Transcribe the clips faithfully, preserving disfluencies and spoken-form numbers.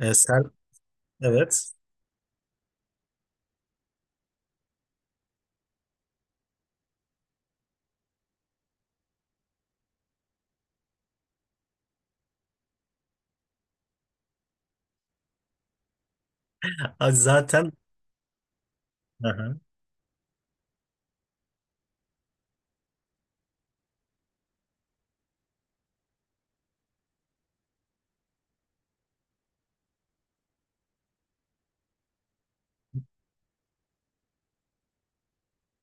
E, sen evet. Zaten aha.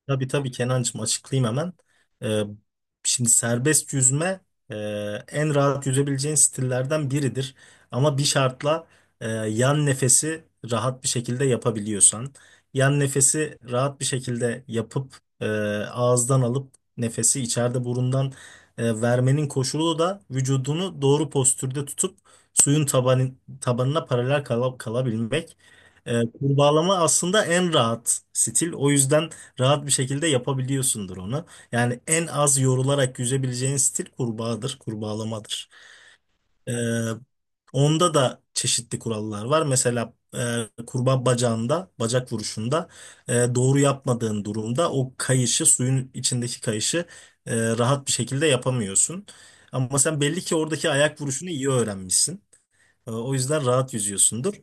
Tabii tabii Kenancığım, açıklayayım hemen. Ee, Şimdi serbest yüzme e, en rahat yüzebileceğin stillerden biridir. Ama bir şartla, e, yan nefesi rahat bir şekilde yapabiliyorsan. Yan nefesi rahat bir şekilde yapıp e, ağızdan alıp nefesi içeride burundan e, vermenin koşulu da vücudunu doğru postürde tutup suyun tabanı, tabanına paralel kala- kalabilmek. E, kurbağalama aslında en rahat stil. O yüzden rahat bir şekilde yapabiliyorsundur onu. Yani en az yorularak yüzebileceğin stil kurbağadır, kurbağalamadır. Ee, Onda da çeşitli kurallar var. Mesela e, kurbağa bacağında, bacak vuruşunda e, doğru yapmadığın durumda o kayışı, suyun içindeki kayışı e, rahat bir şekilde yapamıyorsun. Ama sen belli ki oradaki ayak vuruşunu iyi öğrenmişsin. E, o yüzden rahat yüzüyorsundur.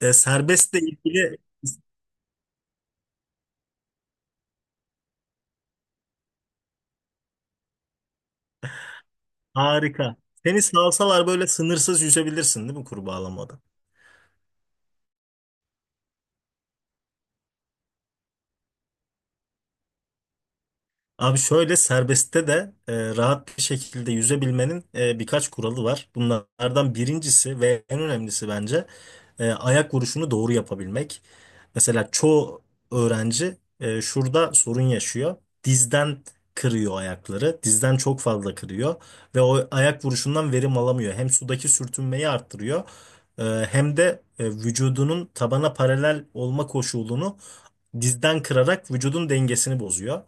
E, serbestle ilgili harika. Seni salsalar böyle sınırsız yüzebilirsin değil mi kurbağalamada? Abi şöyle serbestte de e, rahat bir şekilde yüzebilmenin e, birkaç kuralı var. Bunlardan birincisi ve en önemlisi bence e, ayak vuruşunu doğru yapabilmek. Mesela çoğu öğrenci e, şurada sorun yaşıyor. Dizden kırıyor ayakları. Dizden çok fazla kırıyor ve o ayak vuruşundan verim alamıyor. Hem sudaki sürtünmeyi arttırıyor, e, hem de e, vücudunun tabana paralel olma koşulunu dizden kırarak vücudun dengesini bozuyor.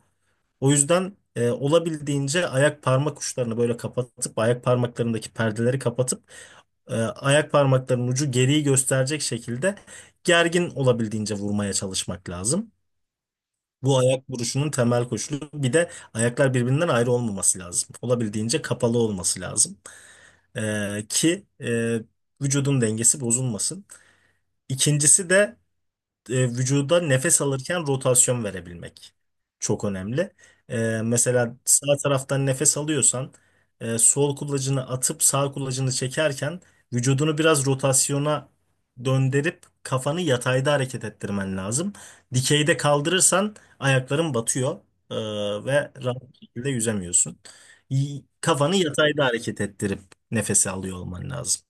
O yüzden e, olabildiğince ayak parmak uçlarını böyle kapatıp ayak parmaklarındaki perdeleri kapatıp e, ayak parmaklarının ucu geriyi gösterecek şekilde gergin olabildiğince vurmaya çalışmak lazım. Bu ayak vuruşunun temel koşulu. Bir de ayaklar birbirinden ayrı olmaması lazım. Olabildiğince kapalı olması lazım. E, ki e, Vücudun dengesi bozulmasın. İkincisi de e, vücuda nefes alırken rotasyon verebilmek çok önemli. E, Mesela sağ taraftan nefes alıyorsan e, sol kulacını atıp sağ kulacını çekerken vücudunu biraz rotasyona döndürüp kafanı yatayda hareket ettirmen lazım. Dikeyde kaldırırsan ayakların batıyor e, ve rahat bir şekilde yüzemiyorsun. Y- Kafanı yatayda hareket ettirip nefesi alıyor olman lazım.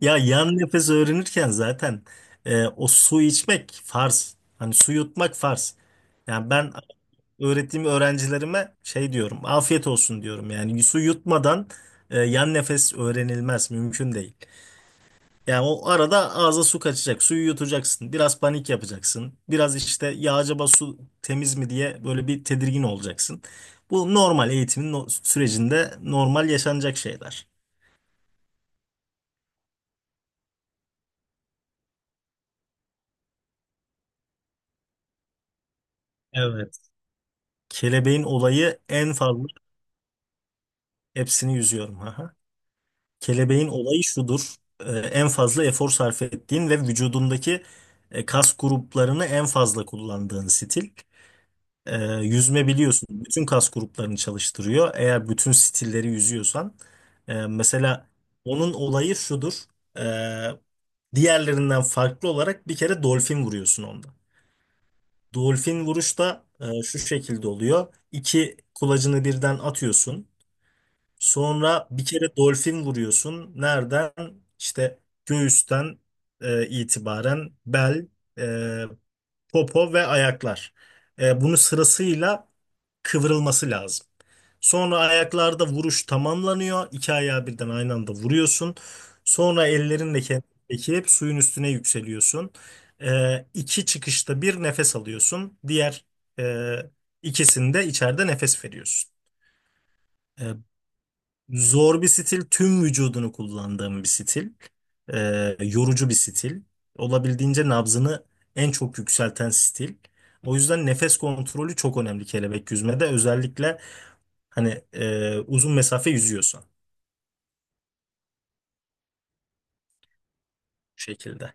Ya yan nefes öğrenirken zaten e, o su içmek farz. Hani su yutmak farz. Yani ben öğrettiğim öğrencilerime şey diyorum. Afiyet olsun diyorum. Yani su yutmadan e, yan nefes öğrenilmez. Mümkün değil. Yani o arada ağza su kaçacak. Suyu yutacaksın. Biraz panik yapacaksın. Biraz işte ya acaba su temiz mi diye böyle bir tedirgin olacaksın. Bu normal eğitimin no- sürecinde normal yaşanacak şeyler. Evet. Kelebeğin olayı en fazla hepsini yüzüyorum. Aha. Kelebeğin olayı şudur. Ee, en fazla efor sarf ettiğin ve vücudundaki e, kas gruplarını en fazla kullandığın stil. Ee, Yüzme biliyorsun. Bütün kas gruplarını çalıştırıyor. Eğer bütün stilleri yüzüyorsan. Ee, mesela onun olayı şudur. Ee, Diğerlerinden farklı olarak bir kere dolfin vuruyorsun onda. Dolfin vuruş da e, şu şekilde oluyor. İki kulacını birden atıyorsun. Sonra bir kere dolfin vuruyorsun. Nereden? İşte göğüsten e, itibaren bel, e, popo ve ayaklar. E, bunu sırasıyla kıvrılması lazım. Sonra ayaklarda vuruş tamamlanıyor. İki ayağı birden aynı anda vuruyorsun. Sonra ellerinle kendini çekip suyun üstüne yükseliyorsun. E, iki çıkışta bir nefes alıyorsun. Diğer e, ikisinde içeride nefes veriyorsun. E, Zor bir stil, tüm vücudunu kullandığım bir stil, Ee, yorucu bir stil, olabildiğince nabzını en çok yükselten stil. O yüzden nefes kontrolü çok önemli kelebek yüzmede, özellikle hani e, uzun mesafe yüzüyorsan bu şekilde.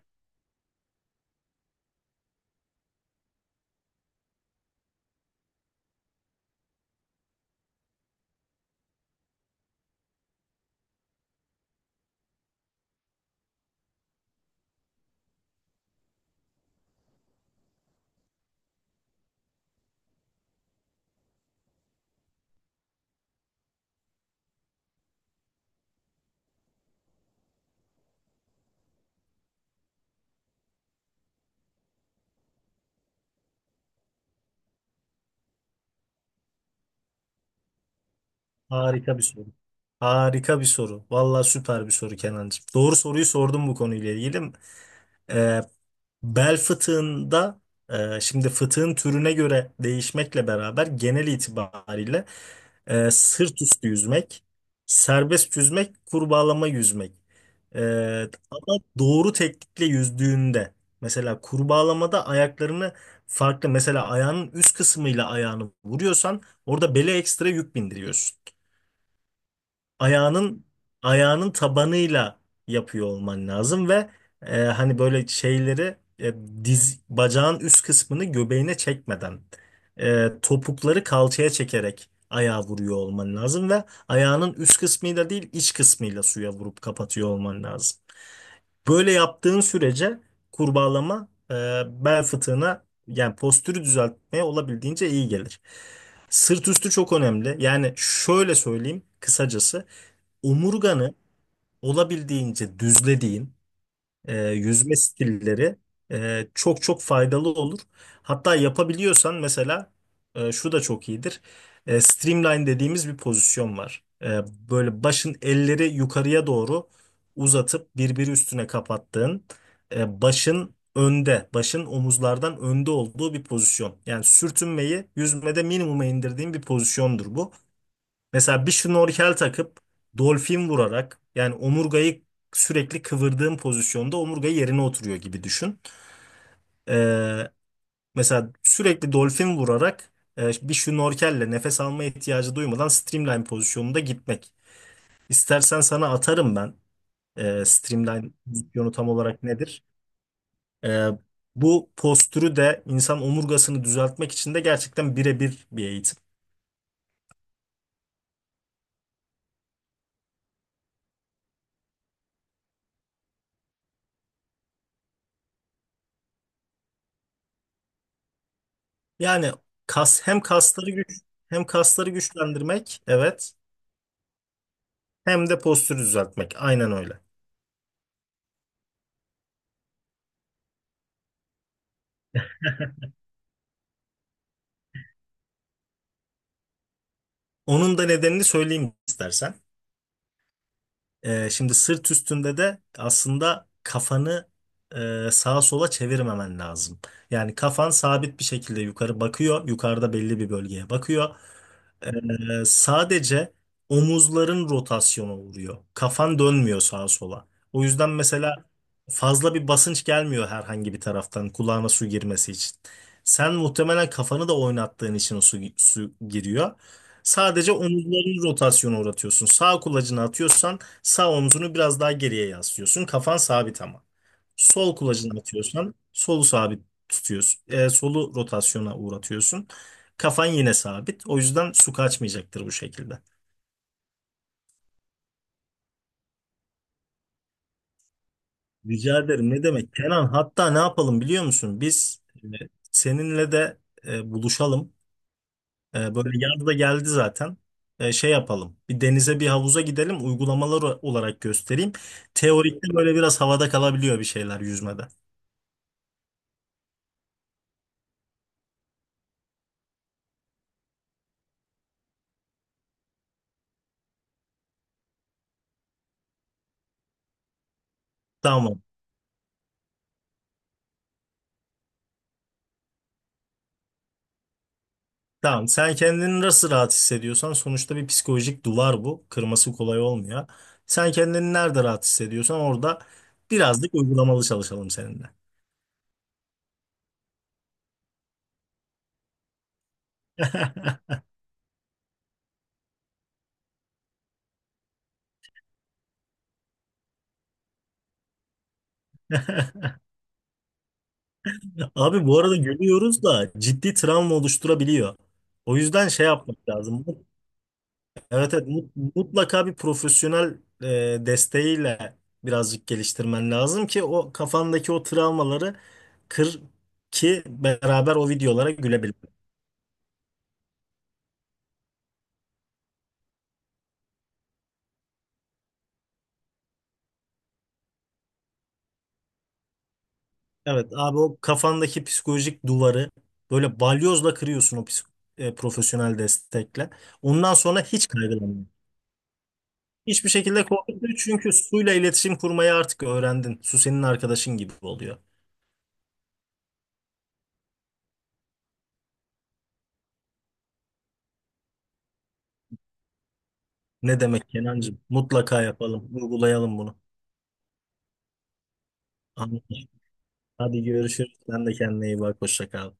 Harika bir soru. Harika bir soru. Vallahi süper bir soru Kenancığım. Doğru soruyu sordum bu konuyla ilgili. Ee, Bel fıtığında e, şimdi fıtığın türüne göre değişmekle beraber genel itibariyle E, sırt üstü yüzmek, serbest yüzmek, kurbağalama yüzmek. E, Ama doğru teknikle yüzdüğünde mesela kurbağalamada ayaklarını farklı, mesela ayağının üst kısmıyla ayağını vuruyorsan orada bele ekstra yük bindiriyorsun. Ayağının ayağının tabanıyla yapıyor olman lazım ve e, hani böyle şeyleri e, diz bacağın üst kısmını göbeğine çekmeden e, topukları kalçaya çekerek ayağa vuruyor olman lazım ve ayağının üst kısmıyla değil iç kısmıyla suya vurup kapatıyor olman lazım. Böyle yaptığın sürece kurbağalama e, bel fıtığına yani postürü düzeltmeye olabildiğince iyi gelir. Sırt üstü çok önemli. Yani şöyle söyleyeyim kısacası, omurganı olabildiğince düzlediğin e, yüzme stilleri e, çok çok faydalı olur. Hatta yapabiliyorsan mesela e, şu da çok iyidir. E, streamline dediğimiz bir pozisyon var. E, böyle başın elleri yukarıya doğru uzatıp birbiri üstüne kapattığın e, başın önde, başın omuzlardan önde olduğu bir pozisyon. Yani sürtünmeyi yüzmede minimuma indirdiğin bir pozisyondur bu. Mesela bir şnorkel takıp dolfin vurarak, yani omurgayı sürekli kıvırdığın pozisyonda omurga yerine oturuyor gibi düşün. Ee, Mesela sürekli dolfin vurarak e, bir şnorkelle nefes alma ihtiyacı duymadan streamline pozisyonunda gitmek. İstersen sana atarım ben e, streamline pozisyonu tam olarak nedir? Ee, Bu postürü de insan omurgasını düzeltmek için de gerçekten birebir bir eğitim. Yani kas, hem kasları güç hem kasları güçlendirmek, evet, hem de postürü düzeltmek. Aynen öyle. Onun da nedenini söyleyeyim istersen. Ee, şimdi sırt üstünde de aslında kafanı e, sağa sola çevirmemen lazım. Yani kafan sabit bir şekilde yukarı bakıyor. Yukarıda belli bir bölgeye bakıyor. Ee, sadece omuzların rotasyona uğruyor. Kafan dönmüyor sağa sola. O yüzden mesela fazla bir basınç gelmiyor herhangi bir taraftan kulağına su girmesi için. Sen muhtemelen kafanı da oynattığın için o su, su giriyor. Sadece omuzların rotasyona uğratıyorsun. Sağ kulacını atıyorsan sağ omzunu biraz daha geriye yaslıyorsun. Kafan sabit ama. Sol kulacını atıyorsan solu sabit tutuyorsun. E, solu rotasyona uğratıyorsun. Kafan yine sabit. O yüzden su kaçmayacaktır bu şekilde. Rica ederim. Ne demek? Kenan, hatta ne yapalım biliyor musun? Biz, e, seninle de e, buluşalım. E, böyle yaz da geldi zaten. E, şey yapalım. Bir denize bir havuza gidelim. Uygulamalar olarak göstereyim. Teorikte böyle biraz havada kalabiliyor bir şeyler yüzmede. Tamam. Tamam, sen kendini nasıl rahat hissediyorsan, sonuçta bir psikolojik duvar bu. Kırması kolay olmuyor. Sen kendini nerede rahat hissediyorsan orada birazcık uygulamalı çalışalım seninle. Abi bu arada gülüyoruz da ciddi travma oluşturabiliyor. O yüzden şey yapmak lazım. Evet evet, mut- mutlaka bir profesyonel e, desteğiyle birazcık geliştirmen lazım ki o kafandaki o travmaları kır ki beraber o videolara gülebilelim. Evet abi, o kafandaki psikolojik duvarı böyle balyozla kırıyorsun o psik- e, profesyonel destekle. Ondan sonra hiç kaygılanmıyor. Hiçbir şekilde korkmuyor çünkü suyla iletişim kurmayı artık öğrendin. Su senin arkadaşın gibi oluyor. Ne demek Kenancığım? Mutlaka yapalım, uygulayalım bunu. Anladım. Hadi görüşürüz. Sen de kendine iyi bak. Hoşça kal.